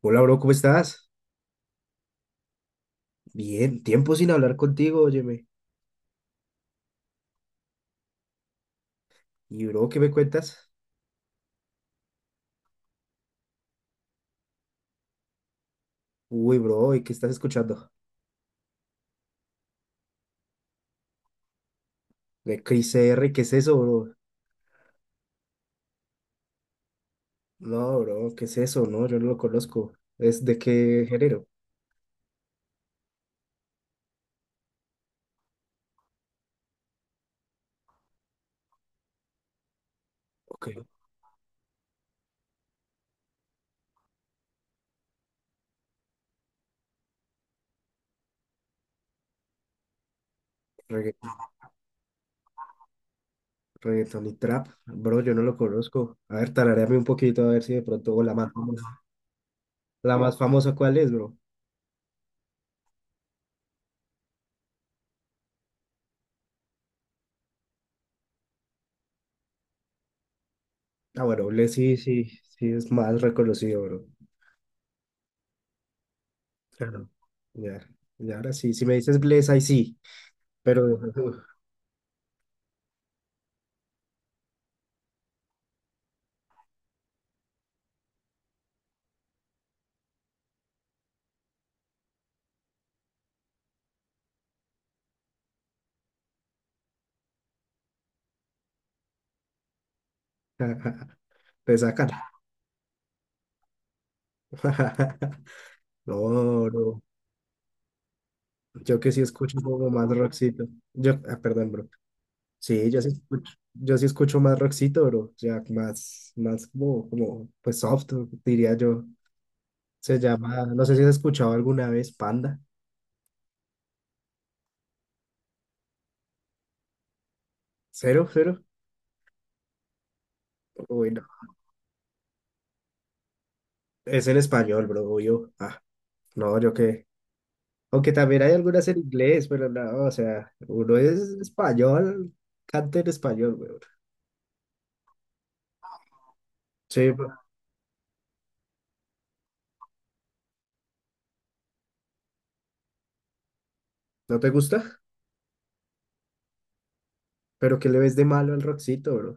Hola, bro, ¿cómo estás? Bien, tiempo sin hablar contigo, óyeme. Y, bro, ¿qué me cuentas? Uy, bro, ¿y qué estás escuchando? De Chris R, ¿qué es eso, bro? No, bro, ¿qué es eso? No, yo no lo conozco. ¿Es de qué género? Ok, regga- reggaetón y trap. Bro, yo no lo conozco. A ver, tararéame un poquito, a ver si de pronto, o la más famosa. ¿La más famosa cuál es, bro? Ah, bueno, le sí, sí, sí, es más reconocido, bro. Claro. Ya, y ahora sí, si me dices Bless, ahí sí, pero. Te sacan. No, bro, yo que sí escucho como más rockcito. Yo, ah, perdón, bro. Sí, yo sí escucho más rockcito, bro. Ya más pues soft, diría yo. Se llama, no sé si has escuchado alguna vez Panda. Cero, cero. Uy, no. Es en español, bro. Yo, ah, no, yo que. Aunque también hay algunas en inglés, pero no, o sea, uno es español, canta en español, weón. Sí, bro. ¿No te gusta? Pero ¿qué le ves de malo al Roxito, bro?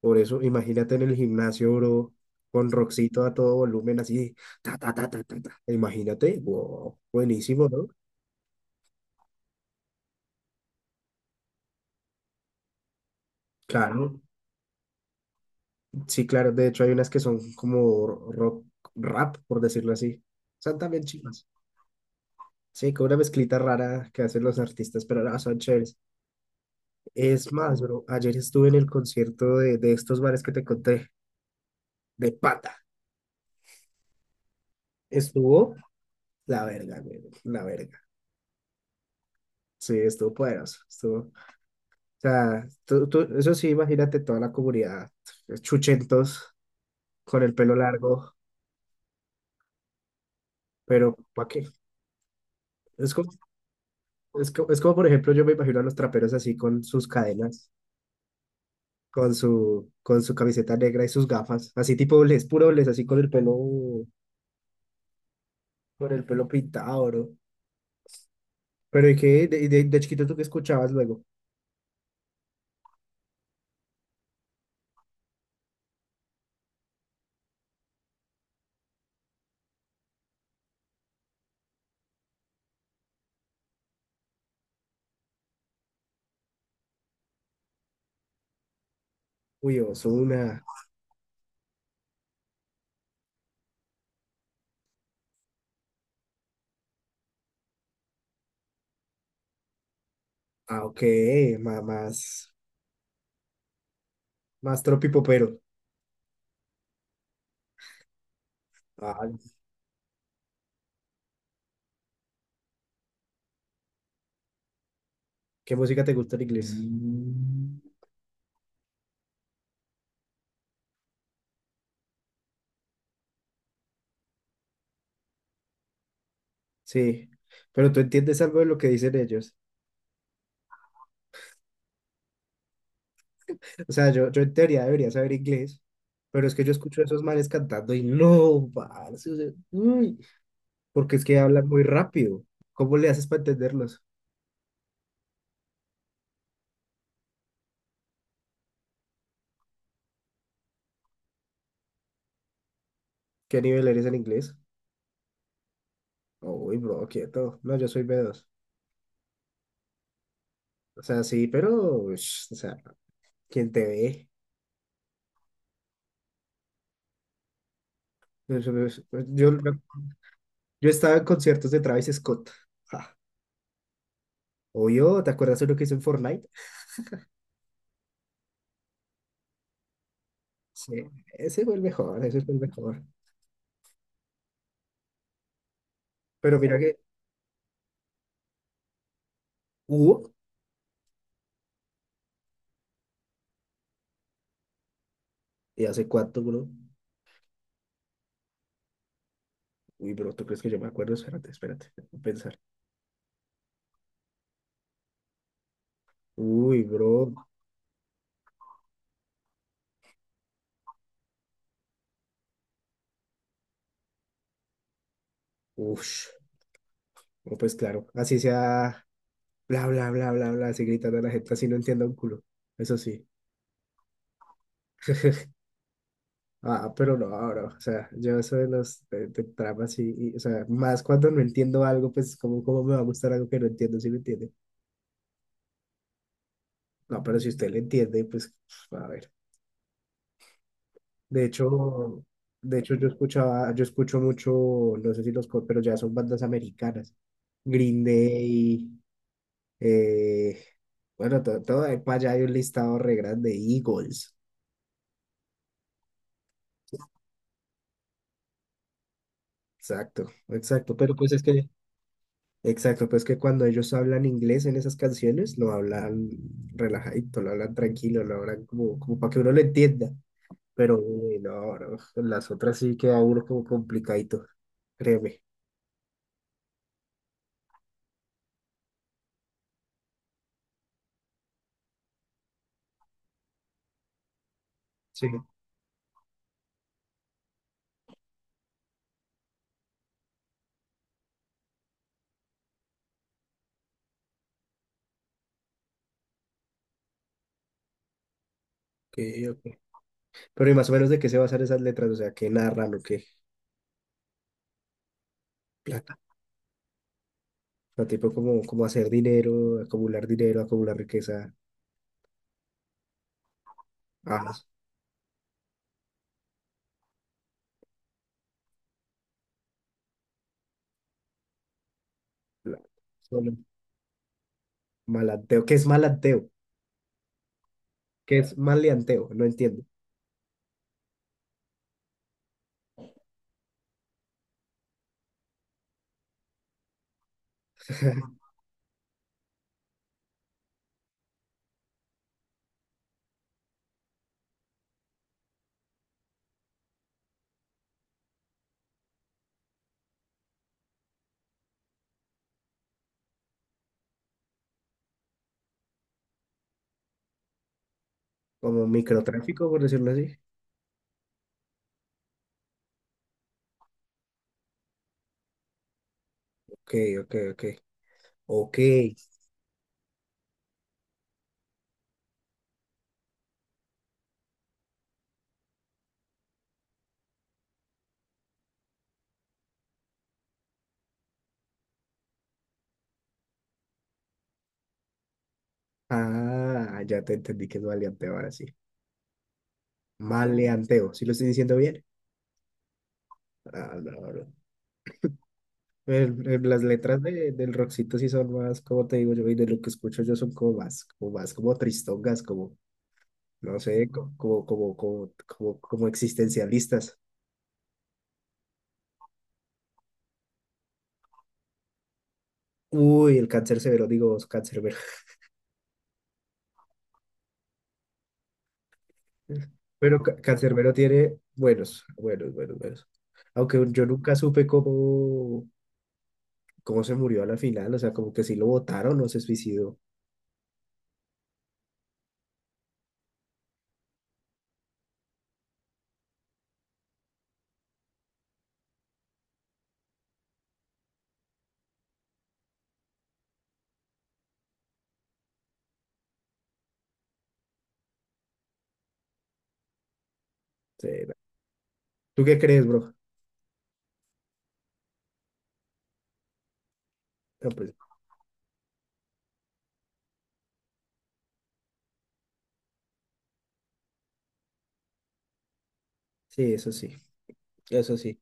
Por eso, imagínate en el gimnasio, bro, con Roxito a todo volumen, así, ta, ta, ta, ta, ta, ta. Imagínate, wow, buenísimo, ¿no? Claro, sí, claro. De hecho, hay unas que son como rock, rap, por decirlo así. Son también chivas. Sí, con una mezclita rara que hacen los artistas, pero no, son chéveres. Es más, bro, ayer estuve en el concierto de estos bares que te conté, de Pata. Estuvo la verga, güey, la verga. Sí, estuvo poderoso, estuvo sea, eso sí, imagínate toda la comunidad, pues, chuchentos, con el pelo largo, pero ¿para qué? Es como, es como, por ejemplo, yo me imagino a los traperos así con sus cadenas, con su camiseta negra y sus gafas, así tipo les puro les así con el pelo pintado, ¿no? Pero ¿y qué? De chiquito tú qué escuchabas luego? Uy, Ozuna, ah, ok, ma- más, más tropipopero. Ah, ¿qué música te gusta en inglés? Sí, pero tú entiendes algo de lo que dicen ellos. O sea, yo en teoría debería saber inglés, pero es que yo escucho a esos manes cantando y no, parce, o sea, uy, porque es que hablan muy rápido. ¿Cómo le haces para entenderlos? ¿Qué nivel eres en inglés? Uy, bro, quieto. No, yo soy B2. O sea, sí, pero, ush, o sea, ¿quién te ve? Eso no es- Yo, yo estaba en conciertos de Travis Scott. Ja. Obvio, ¿te acuerdas de lo que hizo en Fortnite? Sí, ese fue el mejor, ese fue el mejor. Pero mira que hubo. ¿Y hace cuánto, bro? Uy, bro, ¿tú crees que yo me acuerdo? Espérate, espérate, déjame pensar. Uy, bro. Ush. No, pues claro, así sea, bla, bla, bla, bla, bla, así gritando a la gente, así no entiendo un culo. Eso sí. Ah, pero no, ahora, o sea, yo eso de los de tramas y, o sea, más cuando no entiendo algo, pues, ¿cómo me va a gustar algo que no entiendo, si me entiende? No, pero si usted le entiende, pues, a ver. De hecho, de hecho, yo escuchaba, yo escucho mucho, no sé si los, pero ya son bandas americanas. Green Day, eh, bueno, todo, ahí para allá hay un listado re grande, Eagles, exacto, exacto, pero pues es que, exacto, pues que cuando ellos hablan inglés en esas canciones, lo hablan relajadito, lo hablan tranquilo, lo hablan como para que uno lo entienda, pero uy, no, no, las otras sí queda uno como complicadito, créeme, sí, ok, ok. Pero y más o menos de qué se basan esas letras, o sea, qué narran o qué, plata, o sea, tipo como hacer dinero, acumular riqueza. Ah, la- solo malanteo. ¿Qué es malanteo? ¿Qué es maleanteo? No entiendo. Como microtráfico, por decirlo así. Ok, ok, ok. Ok. Ah, ya te entendí que es maleanteo ahora sí. Maleanteo. ¿Sí lo estoy diciendo bien? Ah, no, no. Las letras del Roxito sí son más, como te digo yo, y de lo que escucho yo son como más, como tristongas, como, no sé, como existencialistas. Uy, el cáncer severo, digo, cáncer. Pero Cancerbero tiene buenos, buenos, buenos, buenos. Aunque yo nunca supe cómo, se murió a la final, o sea, como que si lo votaron o se suicidó. Sí, no. ¿Tú qué crees, bro? No, pues, sí, eso sí, eso sí.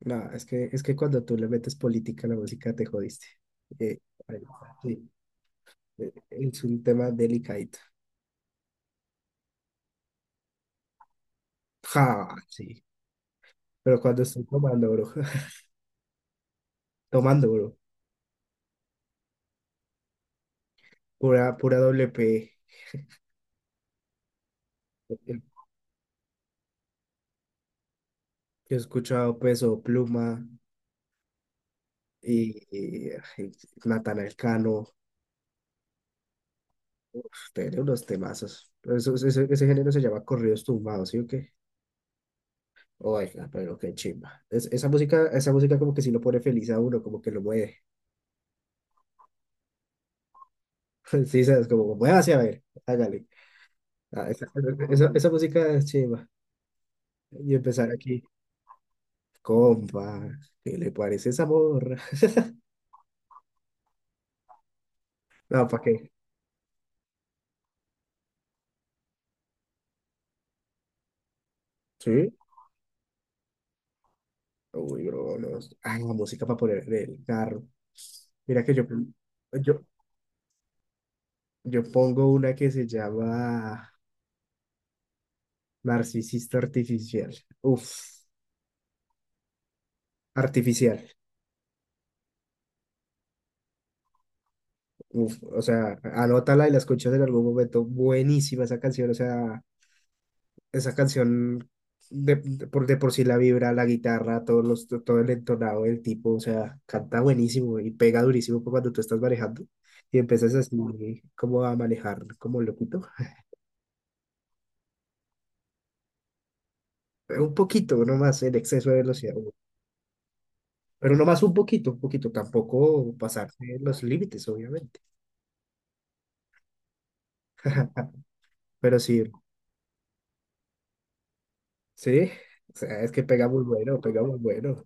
No, es que cuando tú le metes política a la música te jodiste. Eh, Ahí está, sí, es un tema delicadito. Ja, sí. Pero cuando estoy tomando, bro, tomando, bro, pura doble P. Yo he escuchado Peso Pluma, y Natanael Cano, uf, tiene unos temazos. Pero ese género se llama corridos tumbados, ¿sí o qué? Oiga, pero qué chimba. Esa música como que sí lo pone feliz a uno, como que lo mueve. Sí, sabes, como muévase a ver, hágale. Ah, esa música es chimba. Y empezar aquí, compa, ¿qué le parece esa morra? No, ¿para qué? ¿Sí? Uy, bro, no. Ay, la música para poner en el carro. Mira que yo, Yo pongo una que se llama Narcisista Artificial. Uf, artificial. Uf, o sea, anótala y la escuchas en algún momento. Buenísima esa canción, o sea, esa canción de por sí la vibra, la guitarra, todos los, todo el entonado del tipo, o sea, canta buenísimo y pega durísimo pa' cuando tú estás manejando y empiezas así como a manejar como loquito. Un poquito, no más en exceso de velocidad. Pero no más un poquito, tampoco pasarse los límites, obviamente. Pero sí, sí, o sea, es que pega muy bueno, pega muy bueno.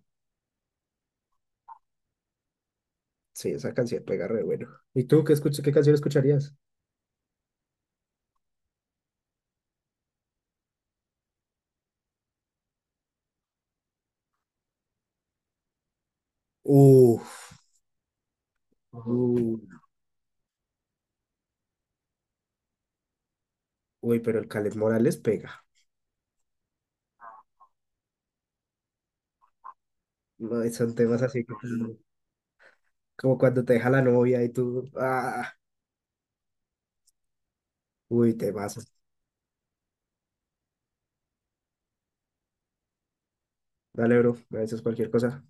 Sí, esa canción pega re bueno. ¿Y tú qué escuchas, qué canción escucharías? Uf, uh, uy, pero el Caleb Morales pega. No, y son temas así como cuando te deja la novia y tú, ah, uy, temas. Dale, bro, me dices cualquier cosa.